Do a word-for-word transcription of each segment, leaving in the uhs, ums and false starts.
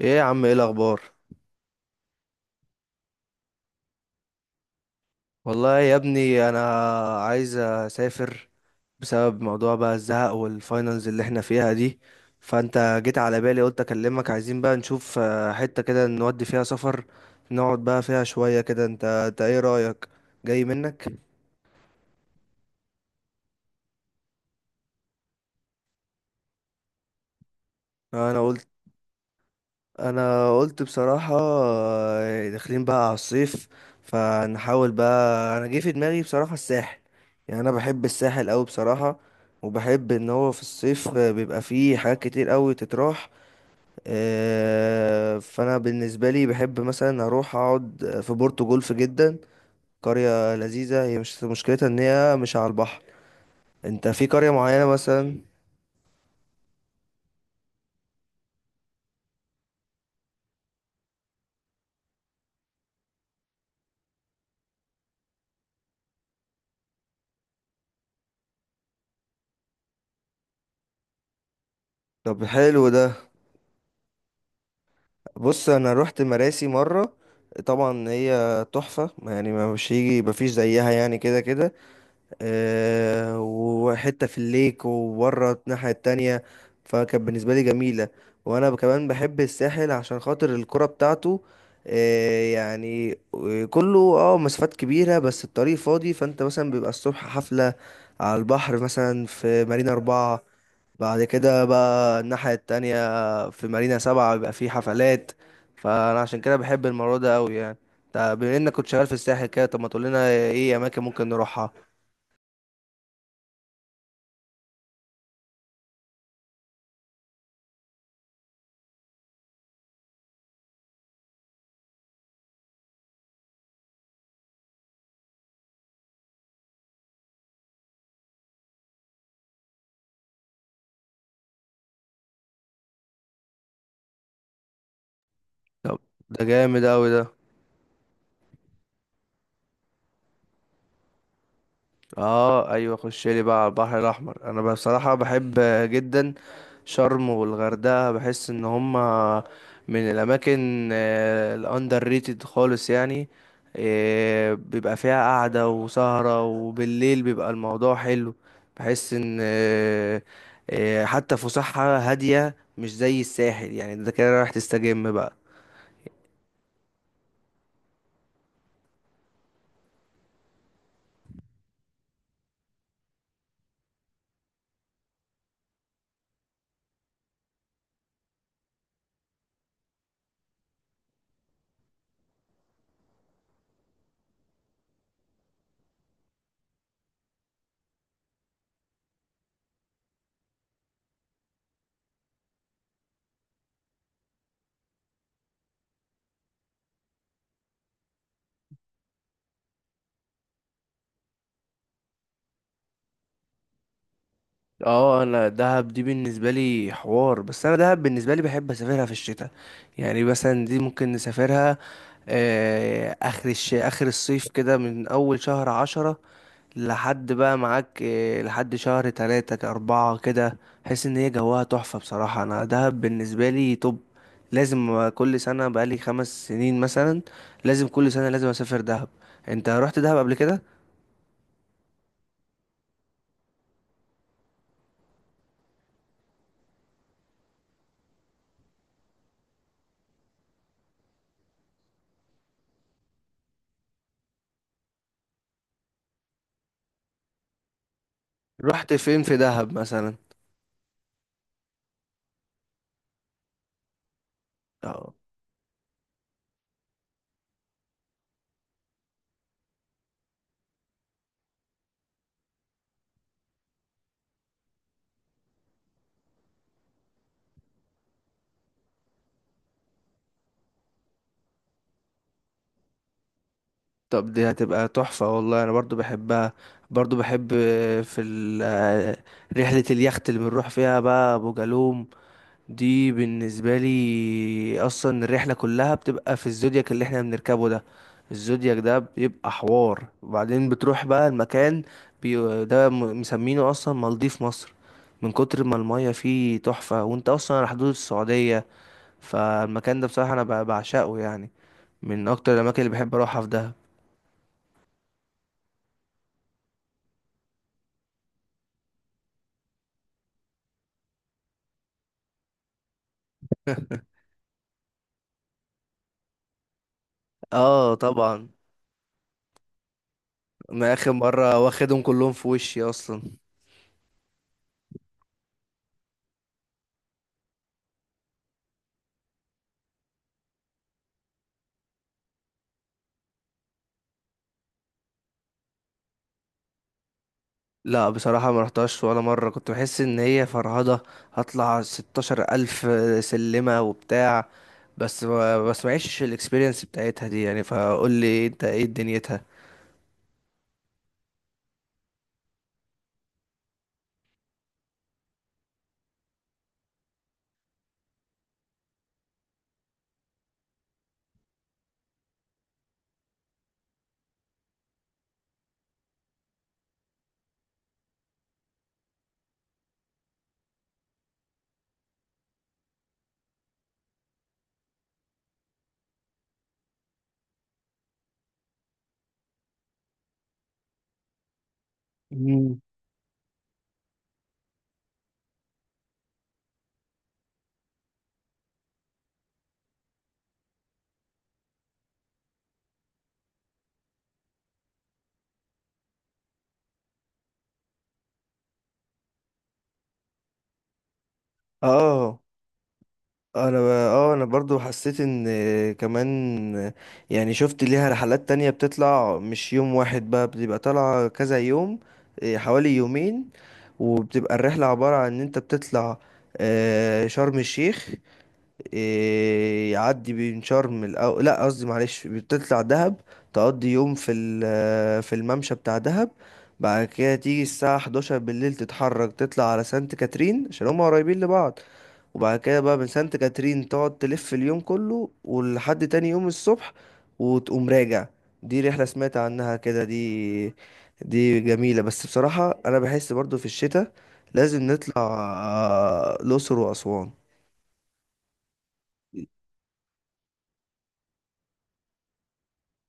ايه يا عم، ايه الاخبار؟ والله يا ابني انا عايز اسافر بسبب موضوع بقى الزهق والفاينلز اللي احنا فيها دي. فانت جيت على بالي، قلت اكلمك. عايزين بقى نشوف آه، حتة كده نودي فيها سفر، نقعد بقى فيها شوية كده. انت انت ايه رأيك؟ جاي منك؟ انا قلت انا قلت بصراحة، آه، داخلين بقى على الصيف، فنحاول بقى. انا جه في دماغي بصراحة الساحل، يعني انا بحب الساحل قوي بصراحة. وبحب ان هو في الصيف آه، بيبقى فيه حاجات كتير قوي تتراح. آه، فانا بالنسبة لي بحب مثلا اروح اقعد في بورتو جولف جدا. قرية لذيذة، هي مش مشكلتها ان هي مش على البحر. انت في قرية معينة مثلا؟ طب حلو ده. بص، انا رحت مراسي مره، طبعا هي تحفه يعني، ما مش هيجي ما فيش زيها يعني كده كده. أه، وحته في الليك وبره الناحيه التانية، فكانت بالنسبه لي جميله. وانا كمان بحب الساحل عشان خاطر الكرة بتاعته. أه يعني، آه، كله اه مسافات كبيره بس الطريق فاضي، فانت مثلا بيبقى الصبح حفله على البحر مثلا في مارينا أربعة، بعد كده بقى الناحية التانية في مارينا سبعة بيبقى في حفلات. فأنا عشان كده بحب الموضوع ده أوي يعني. طب بما إنك كنت شغال في الساحل كده، طب ما تقولنا إيه أماكن ممكن نروحها؟ طب ده جامد أوي ده. اه ايوه، خش لي بقى على البحر الاحمر. انا بصراحه بحب جدا شرم والغردقه، بحس ان هما من الاماكن الاندر ريتد خالص يعني. آه، بيبقى فيها قعده وسهره، وبالليل بيبقى الموضوع حلو. بحس ان آه، آه، حتى فسحه هاديه مش زي الساحل يعني، ده كده رايح تستجم بقى. اه، انا دهب دي بالنسبه لي حوار، بس انا دهب بالنسبه لي بحب اسافرها في الشتاء. يعني مثلا دي ممكن نسافرها آه، اخر الش... اخر الصيف كده، من اول شهر عشرة لحد بقى معاك آه، لحد شهر تلاتة اربعة كده. حس ان هي جواها تحفة بصراحة. انا دهب بالنسبة لي، طب لازم كل سنة، بقالي خمس سنين مثلا لازم كل سنة لازم اسافر دهب. انت رحت دهب قبل كده؟ رحت فين في دهب مثلا؟ طب دي هتبقى تحفة والله. أنا برضو بحبها، برضو بحب في ال- رحلة اليخت اللي بنروح فيها بقى أبو جالوم. دي بالنسبة لي أصلا الرحلة كلها بتبقى في الزودياك اللي احنا بنركبه ده. الزودياك ده بيبقى حوار، وبعدين بتروح بقى المكان. بي... ده م- مسمينه أصلا مالديف مصر من كتر ما المية فيه تحفة، وانت أصلا على حدود السعودية. فالمكان ده بصراحة أنا ب- بعشقه يعني، من أكتر الأماكن اللي بحب أروحها في دهب. اه طبعا. انا اخر مره واخدهم كلهم في وشي اصلا. لا بصراحه ما رحتهاش ولا مره، كنت بحس ان هي فرهضه، هطلع ستاشر الف سلمه وبتاع، بس ما بس معيش الاكسبيرينس بتاعتها دي يعني. فقول لي انت ايه دنيتها. مم. اه انا ب- اه انا برضو حسيت ان كمان، يعني شفت ليها رحلات تانية بتطلع مش يوم واحد بقى، بتبقى طالعة كذا يوم، إيه، حوالي يومين. وبتبقى الرحلة عبارة عن ان انت بتطلع آه، شرم الشيخ، إيه، يعدي بين شرم الأو... لا قصدي معلش، بتطلع دهب، تقضي يوم في ال- في الممشى بتاع دهب. بعد كده تيجي الساعة حداشر بالليل تتحرك تطلع على سانت كاترين عشان هما قريبين لبعض. وبعد كده بقى من سانت كاترين تقعد تلف اليوم كله ولحد تاني يوم الصبح، وتقوم راجع. دي رحلة سمعت عنها كده دي. دي جميلة. بس بصراحة أنا بحس برضو في الشتاء لازم نطلع آه، الأقصر وأسوان.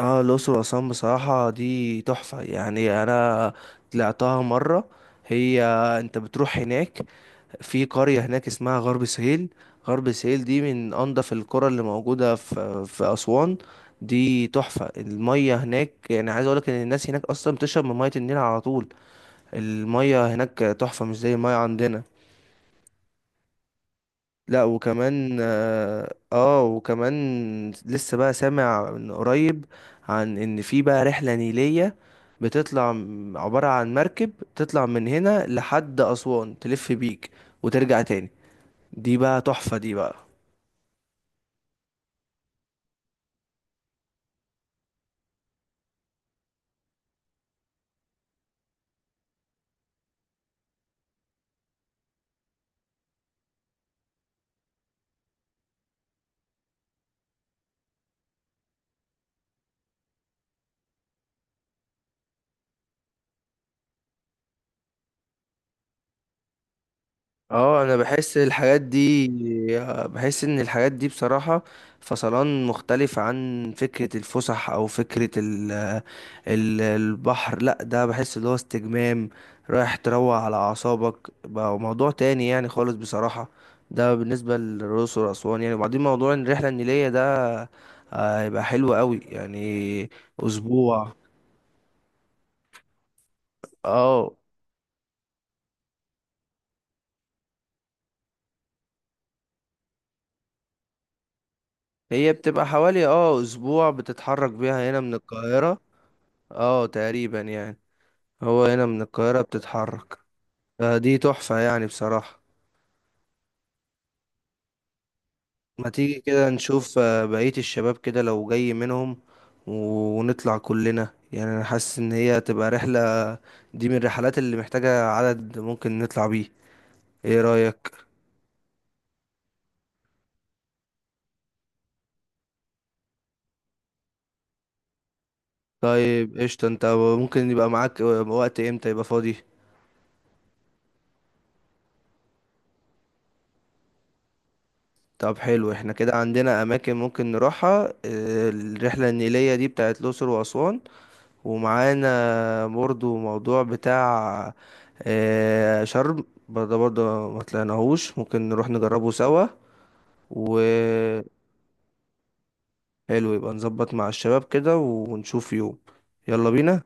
اه الأقصر وأسوان بصراحة دي تحفة يعني. أنا طلعتها مرة. هي، أنت بتروح هناك في قرية هناك اسمها غرب سهيل. غرب سهيل دي من أنضف القرى اللي موجودة في في أسوان. دي تحفة، المية هناك يعني عايز أقولك إن الناس هناك أصلا بتشرب من مية النيل على طول. المية هناك تحفة مش زي المية عندنا. لا وكمان اه آه، وكمان لسه بقى سامع من قريب عن ان في بقى رحلة نيلية بتطلع م- عبارة عن مركب، تطلع من هنا لحد أسوان، تلف بيك وترجع تاني. دي بقى تحفة دي بقى. اه انا بحس الحاجات دي، بحس ان الحاجات دي بصراحة فصلان، مختلف عن فكرة الفسح او فكرة ال ال البحر. لا ده بحس اللي هو استجمام، رايح تروق على اعصابك بقى، موضوع تاني يعني خالص بصراحة. ده بالنسبة للرؤوس واسوان يعني. وبعدين موضوع الرحلة النيلية ده آه، هيبقى حلو قوي يعني، اسبوع. اه هي بتبقى حوالي اه اسبوع، بتتحرك بيها هنا من القاهرة. اه تقريبا يعني. هو هنا من القاهرة بتتحرك. فدي تحفة يعني بصراحة. ما تيجي كده نشوف آه، بقية الشباب كده لو جاي منهم، و- ونطلع كلنا. يعني أنا حاسس إن هي تبقى رحلة، دي من الرحلات اللي محتاجة عدد ممكن نطلع بيه. إيه رأيك؟ طيب قشطة. أنت ممكن يبقى معاك آه، وقت إمتى يبقى فاضي؟ طب حلو، احنا كده عندنا أماكن ممكن نروحها. آه، الرحلة النيلية دي بتاعت الأقصر وأسوان، ومعانا برضو موضوع بتاع آه، شرم برضه. برضه ما طلعناهوش، ممكن نروح نجربه سوا. وحلو. يبقى نظبط مع الشباب كده ونشوف يوم. يلا بينا.